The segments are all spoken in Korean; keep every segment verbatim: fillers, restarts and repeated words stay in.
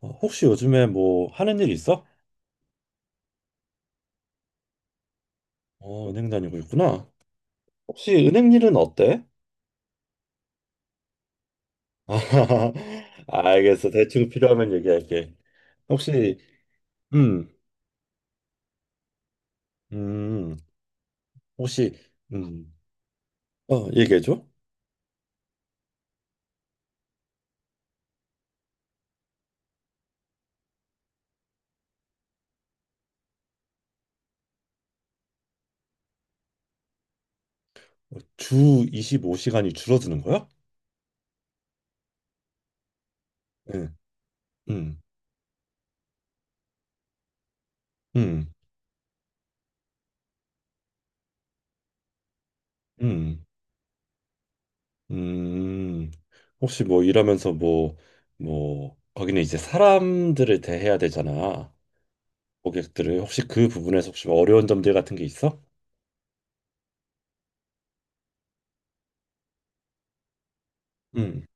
어, 혹시 요즘에 뭐 하는 일 있어? 어, 은행 다니고 있구나. 혹시 은행 일은 어때? 알겠어. 대충 필요하면 얘기할게. 혹시 음, 음, 혹시 음, 어, 얘기해줘. 어, 주 이십오 시간이 줄어드는 거야? 응. 음. 음. 음. 음. 혹시 뭐 일하면서 뭐, 뭐 거기는 이제 사람들을 대해야 되잖아. 고객들을 혹시 그 부분에서 혹시 어려운 점들 같은 게 있어? 음.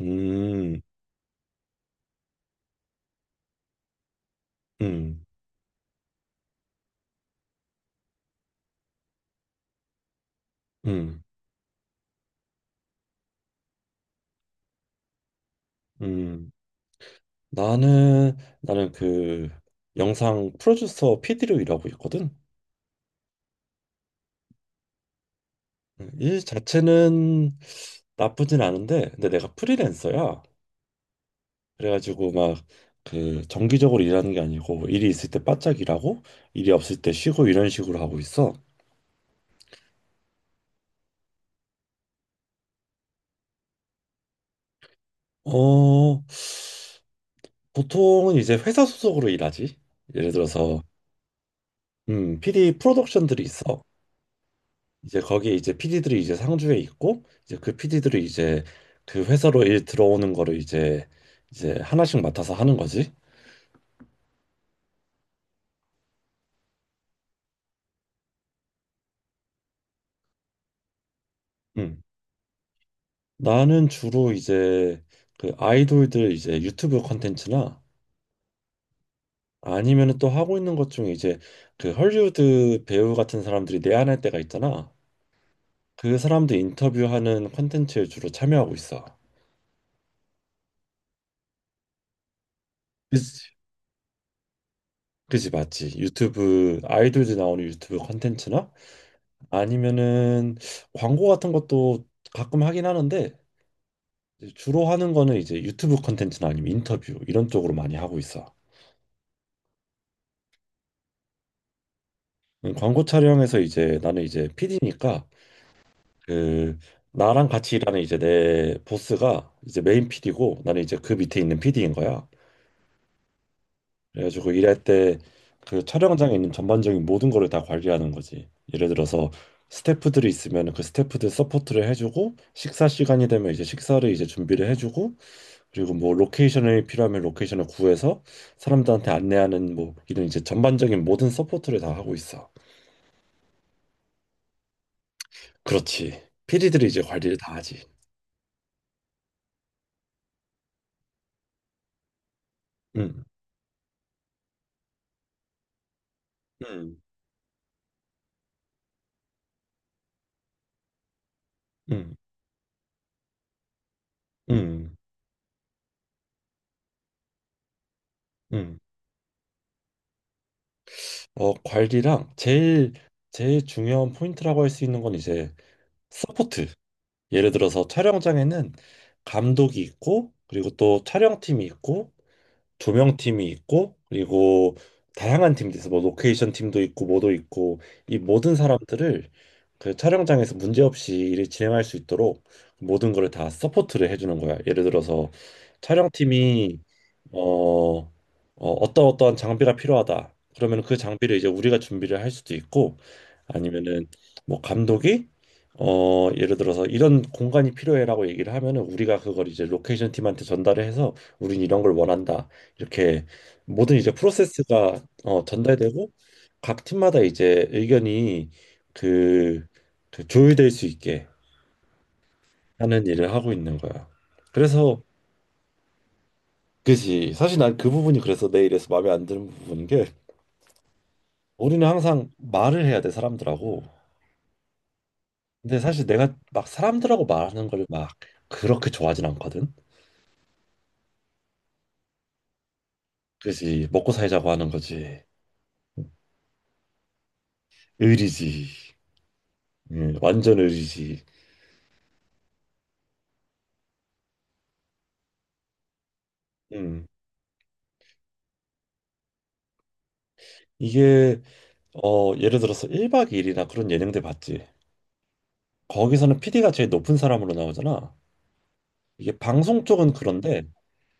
음. 음. 음. 음. 나는, 나는 그 영상 프로듀서 피디로 일하고 있거든. 음, 일 자체는 나쁘진 않은데, 근데 내가 프리랜서야. 그래가지고 막 그 정기적으로 일하는 게 아니고, 일이 있을 때 바짝 일하고, 일이 없을 때 쉬고 이런 식으로 하고 있어. 어, 보통은 이제 회사 소속으로 일하지. 예를 들어서, 음, 피디 프로덕션들이 있어. 이제 거기에 이제 피디들이 이제 상주에 있고 이제 그 피디들이 이제 그 회사로 일 들어오는 거를 이제 이제 하나씩 맡아서 하는 거지. 음. 나는 주로 이제 그 아이돌들 이제 유튜브 콘텐츠나 아니면은 또 하고 있는 것 중에 이제 그 헐리우드 배우 같은 사람들이 내한할 때가 있잖아. 그 사람들 인터뷰하는 콘텐츠에 주로 참여하고 있어. 그치, 그치, 맞지. 유튜브 아이돌들 나오는 유튜브 콘텐츠나 아니면은 광고 같은 것도 가끔 하긴 하는데 이제 주로 하는 거는 이제 유튜브 컨텐츠나 아니면 인터뷰 이런 쪽으로 많이 하고 있어. 음, 광고 촬영에서 이제 나는 이제 피디니까 그 나랑 같이 일하는 이제 내 보스가 이제 메인 피디고 나는 이제 그 밑에 있는 피디인 거야. 그래가지고 일할 때 그 촬영장에 있는 전반적인 모든 거를 다 관리하는 거지. 예를 들어서 스태프들이 있으면 그 스태프들 서포트를 해주고 식사 시간이 되면 이제 식사를 이제 준비를 해주고 그리고 뭐 로케이션이 필요하면 로케이션을 구해서 사람들한테 안내하는 뭐 이런 이제 전반적인 모든 서포트를 다 하고 있어. 그렇지. 피디들이 이제 관리를 다 하지. 음. 음. 음. 음. 음. 어, 관리랑 제일 제일 중요한 포인트라고 할 수 있는 건 이제 서포트. 예를 들어서 촬영장에는 감독이 있고 그리고 또 촬영팀이 있고 두 명 팀이 있고 그리고 다양한 팀도 있어. 뭐 로케이션 팀도 있고 뭐도 있고 이 모든 사람들을 그 촬영장에서 문제없이 일을 진행할 수 있도록 모든 거를 다 서포트를 해주는 거야. 예를 들어서 촬영팀이 어, 어 어떤 어떠한 장비가 필요하다. 그러면 그 장비를 이제 우리가 준비를 할 수도 있고 아니면은 뭐 감독이 어 예를 들어서 이런 공간이 필요해라고 얘기를 하면은 우리가 그걸 이제 로케이션 팀한테 전달을 해서 우린 이런 걸 원한다. 이렇게 모든 이제 프로세스가 어, 전달되고 각 팀마다 이제 의견이 그, 그 조율될 수 있게 하는 일을 하고 있는 거야. 그래서 그지, 사실 난 그 부분이 그래서 내 일에서 마음에 안 드는 부분인 게 우리는 항상 말을 해야 돼 사람들하고. 근데 사실 내가 막 사람들하고 말하는 걸 막 그렇게 좋아하진 않거든. 그지 먹고 살자고 하는 거지. 의리지. 음, 완전 의리지. 음. 이게 어, 예를 들어서 일 박 이 일이나 그런 예능들 봤지. 거기서는 피디가 제일 높은 사람으로 나오잖아. 이게 방송 쪽은 그런데,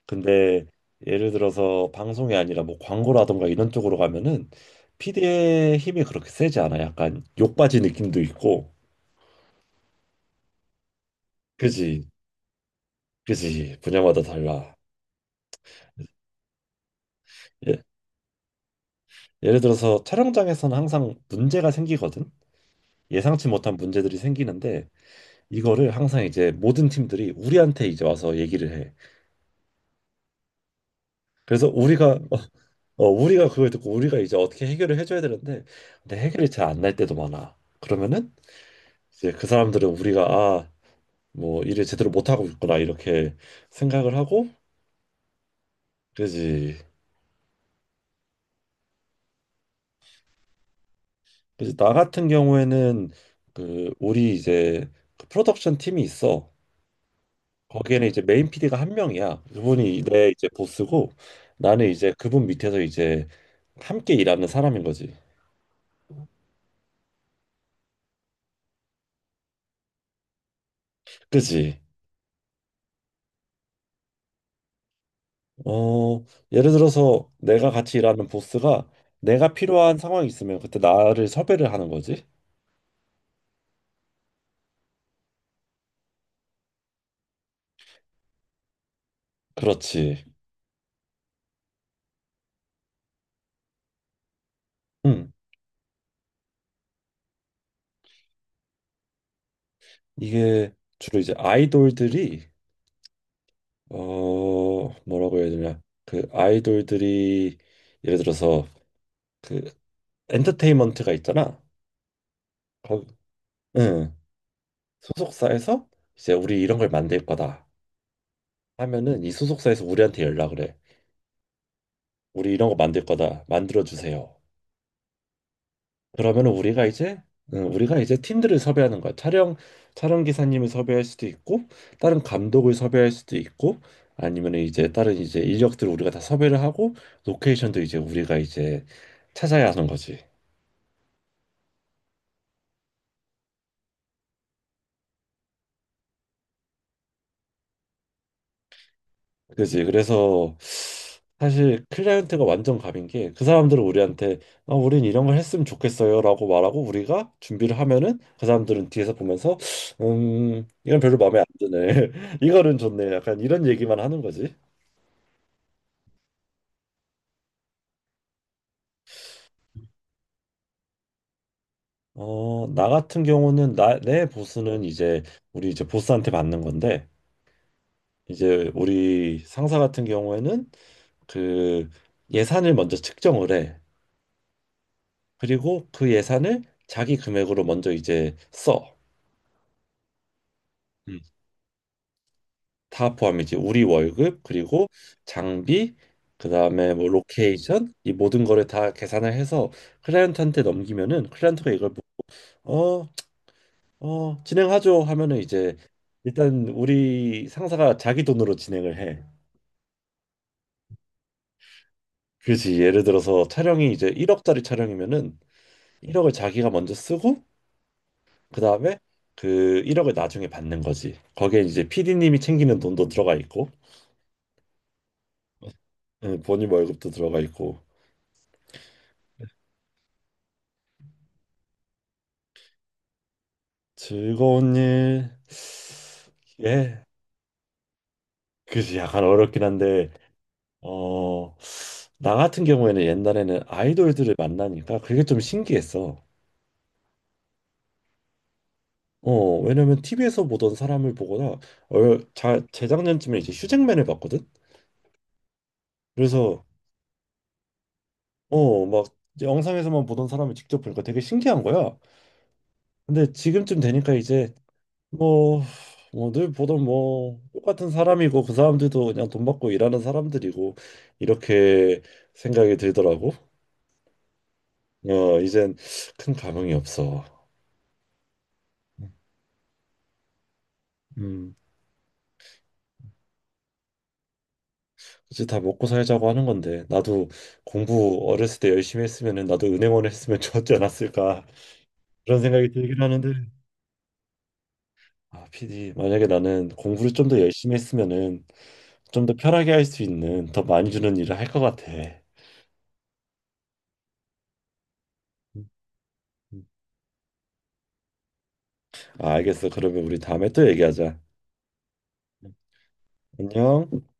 근데 예를 들어서 방송이 아니라 뭐 광고라던가 이런 쪽으로 가면은 피디의 힘이 그렇게 세지 않아. 약간 욕받이 느낌도 있고. 그지, 그지. 분야마다 달라. 예, 예를 들어서 촬영장에서는 항상 문제가 생기거든. 예상치 못한 문제들이 생기는데 이거를 항상 이제 모든 팀들이 우리한테 이제 와서 얘기를 해. 그래서 우리가 어, 우리가 그걸 듣고 우리가 이제 어떻게 해결을 해줘야 되는데 근데 해결이 잘 안 날 때도 많아. 그러면은 이제 그 사람들은 우리가 아, 뭐 일을 제대로 못 하고 있구나 이렇게 생각을 하고 그지. 그지. 나 같은 경우에는 그 우리 이제 그 프로덕션 팀이 있어. 거기에는 이제 메인 피디가 한 명이야. 그분이 내 이제 보스고 나는 이제 그분 밑에서 이제 함께 일하는 사람인 거지. 그지. 어, 예를 들어서 내가 같이 일하는 보스가 내가 필요한 상황이 있으면 그때 나를 섭외를 하는 거지. 그렇지. 음 이게 주로 이제 아이돌들이 어, 뭐라고 해야 되냐? 그 아이돌들이 예를 들어서 그 엔터테인먼트가 있잖아. 거, 응. 소속사에서 이제 우리 이런 걸 만들 거다 하면은 이 소속사에서 우리한테 연락을 해. 우리 이런 거 만들 거다. 만들어 주세요. 그러면 우리가 이제 응, 우리가 이제 팀들을 섭외하는 거야. 촬영 촬영 기사님을 섭외할 수도 있고 다른 감독을 섭외할 수도 있고 아니면 이제 다른 이제 인력들을 우리가 다 섭외를 하고 로케이션도 이제 우리가 이제 찾아야 하는 거지. 그지? 그래서 사실 클라이언트가 완전 갑인 게 그 사람들은 우리한테 아, 우린 이런 걸 했으면 좋겠어요라고 말하고 우리가 준비를 하면은 그 사람들은 뒤에서 보면서 음 이건 별로 마음에 안 드네 이거는 좋네 약간 이런 얘기만 하는 거지. 어, 나 같은 경우는 나, 내 보스는 이제 우리 이제 보스한테 받는 건데 이제 우리 상사 같은 경우에는 그 예산을 먼저 측정을 해. 그리고 그 예산을 자기 금액으로 먼저 이제 써. 음. 다 포함이지. 우리 월급 그리고 장비 그다음에 뭐 로케이션 이 모든 거를 다 계산을 해서 클라이언트한테 넘기면은 클라이언트가 이걸 보- 어, 어, 진행하죠 하면은 이제 일단 우리 상사가 자기 돈으로 진행을 해. 그지. 예를 들어서 촬영이 이제 일억짜리 촬영이면은 일억을 자기가 먼저 쓰고 그다음에 그 일억을 나중에 받는 거지. 거기에 이제 피디님이 챙기는 돈도 들어가 있고 예, 본인 월급도 들어가 있고 즐거운 일. 예. 그지. 약간 어렵긴 한데 어, 나 같은 경우에는 옛날에는 아이돌들을 만나니까 그게 좀 신기했어. 어, 왜냐면 티비에서 보던 사람을 보거나 얼, 자, 재작년쯤에 이제 휴잭맨을 봤거든. 그래서 어, 막 이제 영상에서만 보던 사람을 직접 보니까 되게 신기한 거야. 근데 지금쯤 되니까 이제 뭐, 뭐 늘 보던 뭐 똑같은 사람이고 그 사람들도 그냥 돈 받고 일하는 사람들이고 이렇게 생각이 들더라고. 어, 이젠 큰 감흥이 없어. 음. 그치, 다 먹고 살자고 하는 건데 나도 공부 어렸을 때 열심히 했으면은 나도 은행원 했으면 좋았지 않았을까 그런 생각이 들긴 하는데 아, 피디 만약에 나는 공부를 좀 더 열심히 했으면은 좀 더 편하게 할 수 있는 더 많이 주는 일을 할 것 같아. 음. 음. 아, 알겠어. 그러면 우리 다음에 또 얘기하자. 안녕.